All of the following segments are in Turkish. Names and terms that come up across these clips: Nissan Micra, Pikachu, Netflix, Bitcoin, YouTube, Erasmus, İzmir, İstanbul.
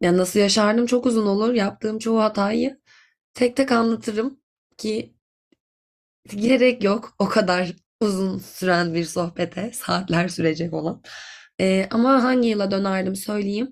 Ya nasıl yaşardım, çok uzun olur. Yaptığım çoğu hatayı tek tek anlatırım ki gerek yok o kadar uzun süren bir sohbete, saatler sürecek olan. Ama hangi yıla dönerdim söyleyeyim.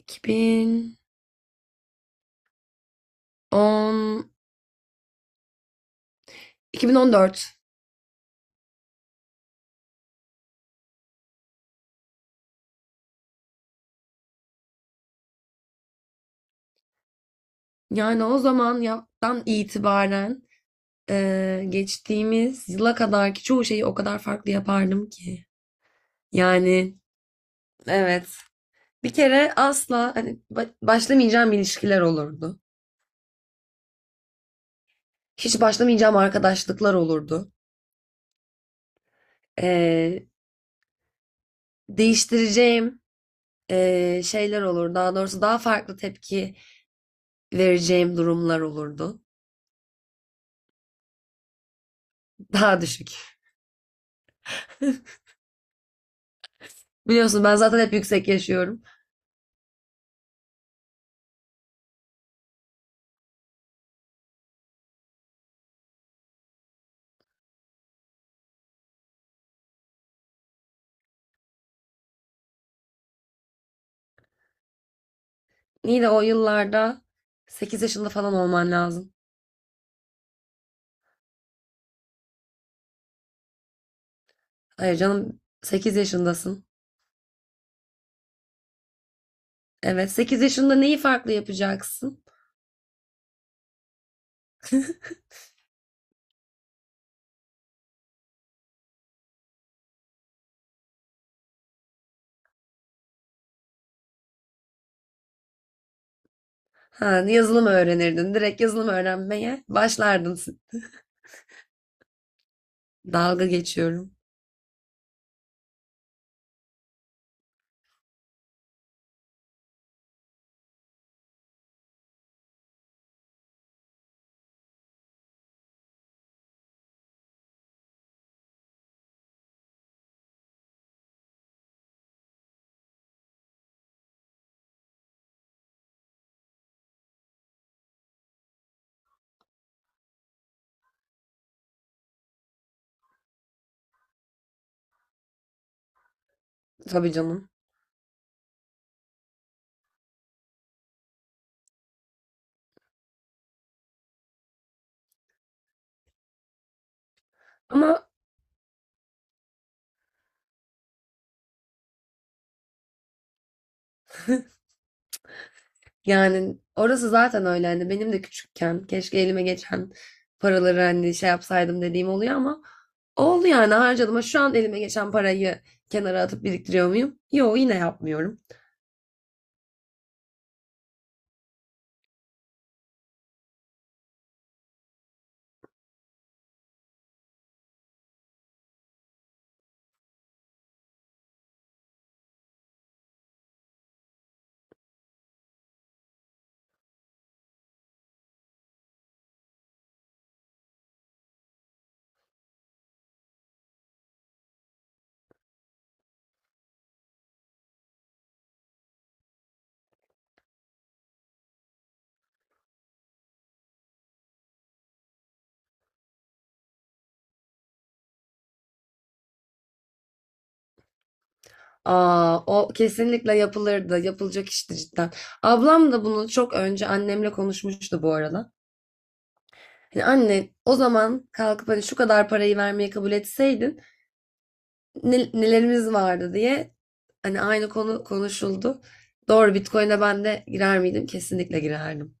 2010, 2014. Yani o zaman yaptan itibaren geçtiğimiz yıla kadarki çoğu şeyi o kadar farklı yapardım ki. Yani evet. Bir kere asla hani başlamayacağım ilişkiler olurdu. Hiç başlamayacağım arkadaşlıklar olurdu. Ee, değiştireceğim şeyler olur. Daha doğrusu daha farklı tepki vereceğim durumlar olurdu. Daha düşük. Biliyorsun ben zaten hep yüksek yaşıyorum. İyi de o yıllarda 8 yaşında falan olman lazım. Hayır canım, 8 yaşındasın. Evet, 8 yaşında neyi farklı yapacaksın? Ha, yazılım öğrenirdin. Direkt yazılım öğrenmeye başlardın. Dalga geçiyorum. Tabii canım. Ama yani orası zaten öyle, hani benim de küçükken keşke elime geçen paraları hani şey yapsaydım dediğim oluyor ama oldu yani, harcadım. Ha, şu an elime geçen parayı kenara atıp biriktiriyor muyum? Yok, yine yapmıyorum. Aa, o kesinlikle yapılırdı. Yapılacak işti cidden. Ablam da bunu çok önce annemle konuşmuştu bu arada. Hani anne, o zaman kalkıp hani şu kadar parayı vermeye kabul etseydin nelerimiz vardı diye, hani aynı konu konuşuldu. Doğru, Bitcoin'e ben de girer miydim? Kesinlikle girerdim.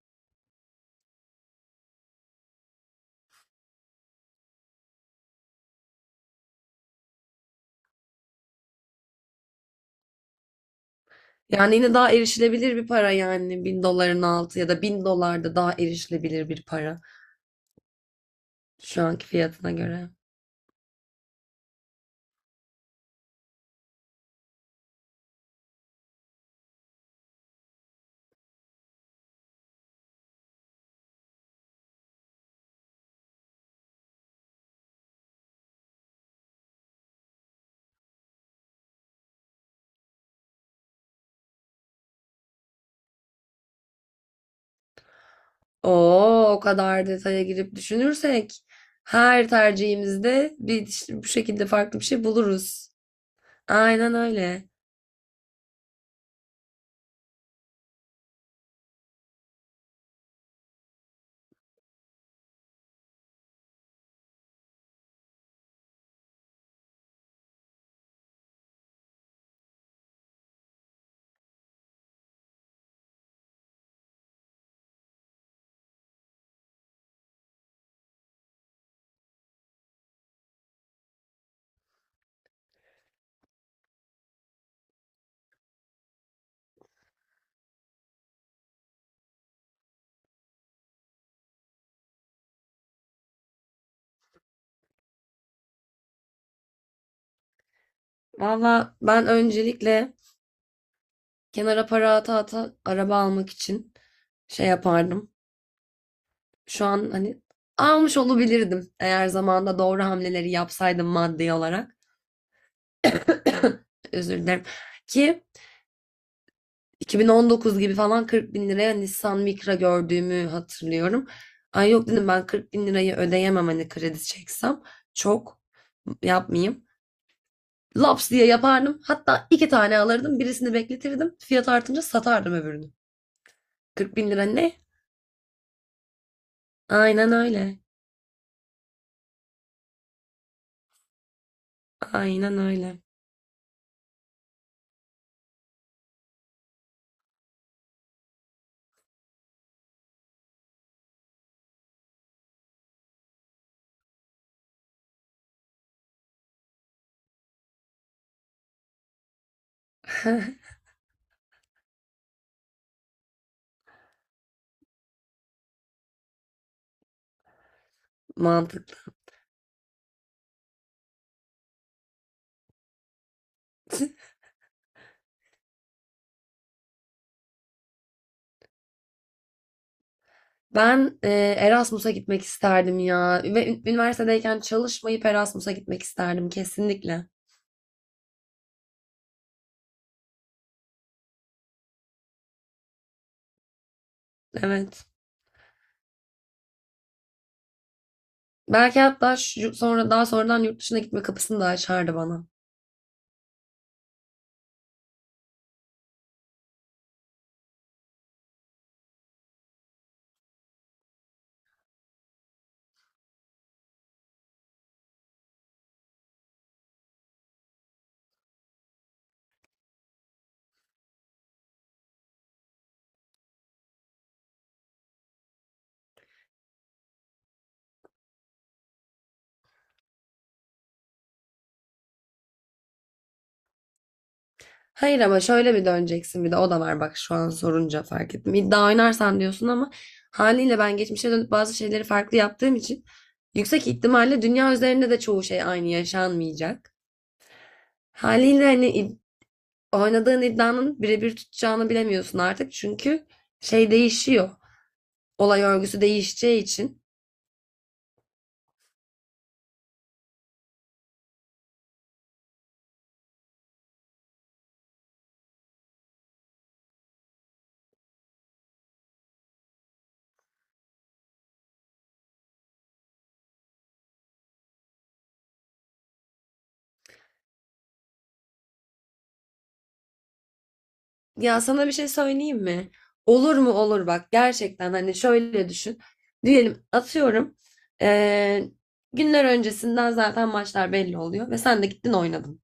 Yani yine daha erişilebilir bir para, yani bin doların altı ya da bin dolar da daha erişilebilir bir para. Şu anki fiyatına göre. Oo, o kadar detaya girip düşünürsek her tercihimizde bir işte bu şekilde farklı bir şey buluruz. Aynen öyle. Valla ben öncelikle kenara para ata ata araba almak için şey yapardım. Şu an hani almış olabilirdim eğer zamanında doğru hamleleri yapsaydım maddi olarak. Özür dilerim. Ki 2019 gibi falan 40 bin liraya Nissan Micra gördüğümü hatırlıyorum. Ay yok, dedim, ben 40 bin lirayı ödeyemem hani kredi çeksem. Çok yapmayayım. Laps diye yapardım. Hatta iki tane alırdım. Birisini bekletirdim. Fiyat artınca satardım öbürünü. 40 bin lira ne? Aynen öyle. Aynen öyle. Mantıklı. Ben Erasmus'a gitmek isterdim ya. Ve üniversitedeyken çalışmayıp Erasmus'a gitmek isterdim kesinlikle. Evet. Belki hatta sonra daha sonradan yurt dışına gitme kapısını da açardı bana. Hayır ama şöyle bir döneceksin, bir de o da var, bak şu an sorunca fark ettim. İddia oynarsan diyorsun ama haliyle ben geçmişe dönüp bazı şeyleri farklı yaptığım için yüksek ihtimalle dünya üzerinde de çoğu şey aynı yaşanmayacak. Haliyle hani oynadığın iddianın birebir tutacağını bilemiyorsun artık çünkü şey değişiyor. Olay örgüsü değişeceği için. Ya sana bir şey söyleyeyim mi? Olur mu olur, bak gerçekten, hani şöyle düşün. Diyelim, atıyorum, eee, günler öncesinden zaten maçlar belli oluyor ve sen de gittin oynadın.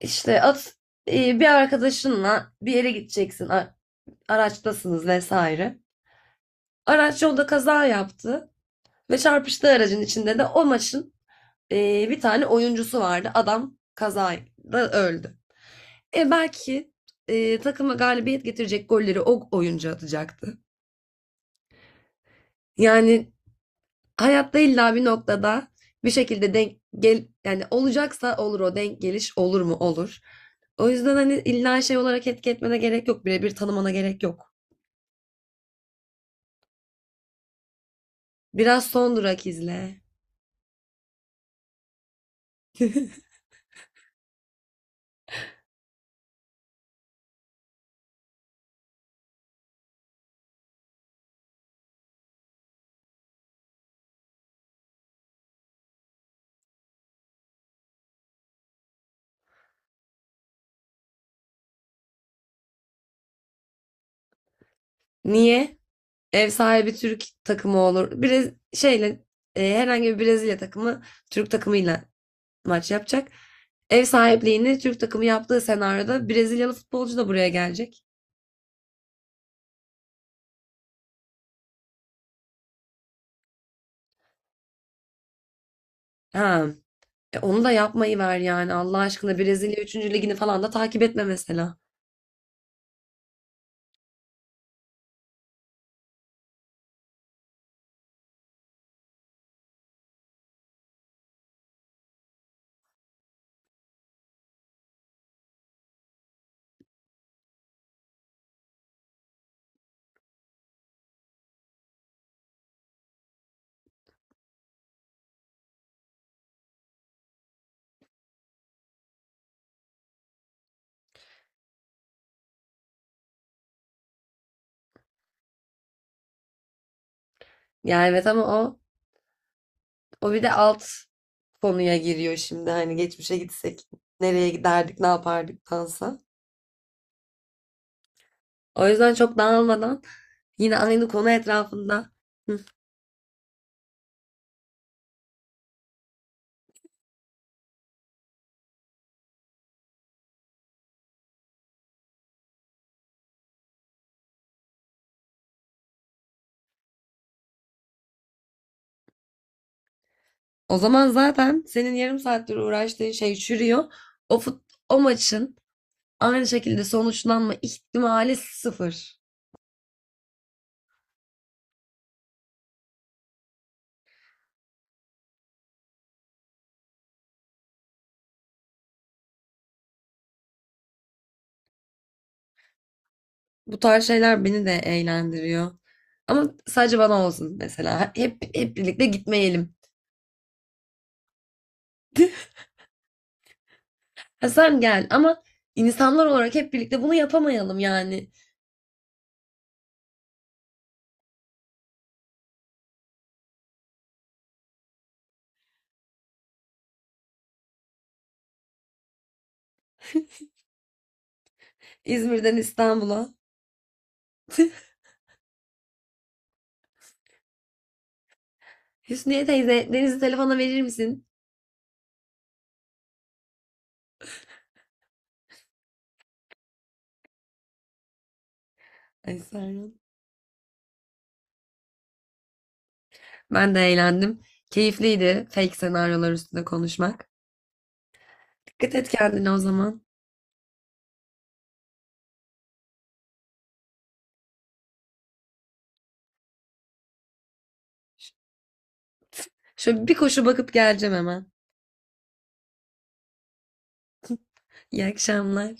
İşte at bir arkadaşınla bir yere gideceksin, araçtasınız vesaire. Araç yolda kaza yaptı ve çarpıştığı aracın içinde de o maçın bir tane oyuncusu vardı. Adam kazada öldü. E belki takıma galibiyet getirecek golleri o oyuncu atacaktı. Yani hayatta illa bir noktada bir şekilde denk gel, yani olacaksa olur o denk geliş, olur mu olur. O yüzden hani illa şey olarak etki etmene gerek yok. Birebir tanımana gerek yok. Biraz son durak izle. Niye? Ev sahibi Türk takımı olur. Herhangi bir Brezilya takımı Türk takımıyla maç yapacak. Ev sahipliğini Türk takımı yaptığı senaryoda Brezilyalı futbolcu da buraya gelecek. Ha, onu da yapmayı ver yani, Allah aşkına Brezilya üçüncü ligini falan da takip etme mesela. Ya evet ama o bir de alt konuya giriyor şimdi, hani geçmişe gitsek nereye giderdik ne yapardıktansa. O yüzden çok dağılmadan yine aynı konu etrafında. O zaman zaten senin yarım saattir uğraştığın şey çürüyor. O fut, o maçın aynı şekilde sonuçlanma ihtimali sıfır. Bu tarz şeyler beni de eğlendiriyor. Ama sadece bana olsun mesela. Hep birlikte gitmeyelim. Ha, sen gel ama insanlar olarak hep birlikte bunu yapamayalım yani. İzmir'den İstanbul'a. Hüsniye teyze, Deniz'i telefona verir misin? Ay Serhan. Ben de eğlendim. Keyifliydi fake senaryolar üstünde konuşmak. Dikkat et kendine o zaman. Şöyle bir koşu bakıp geleceğim hemen. İyi akşamlar.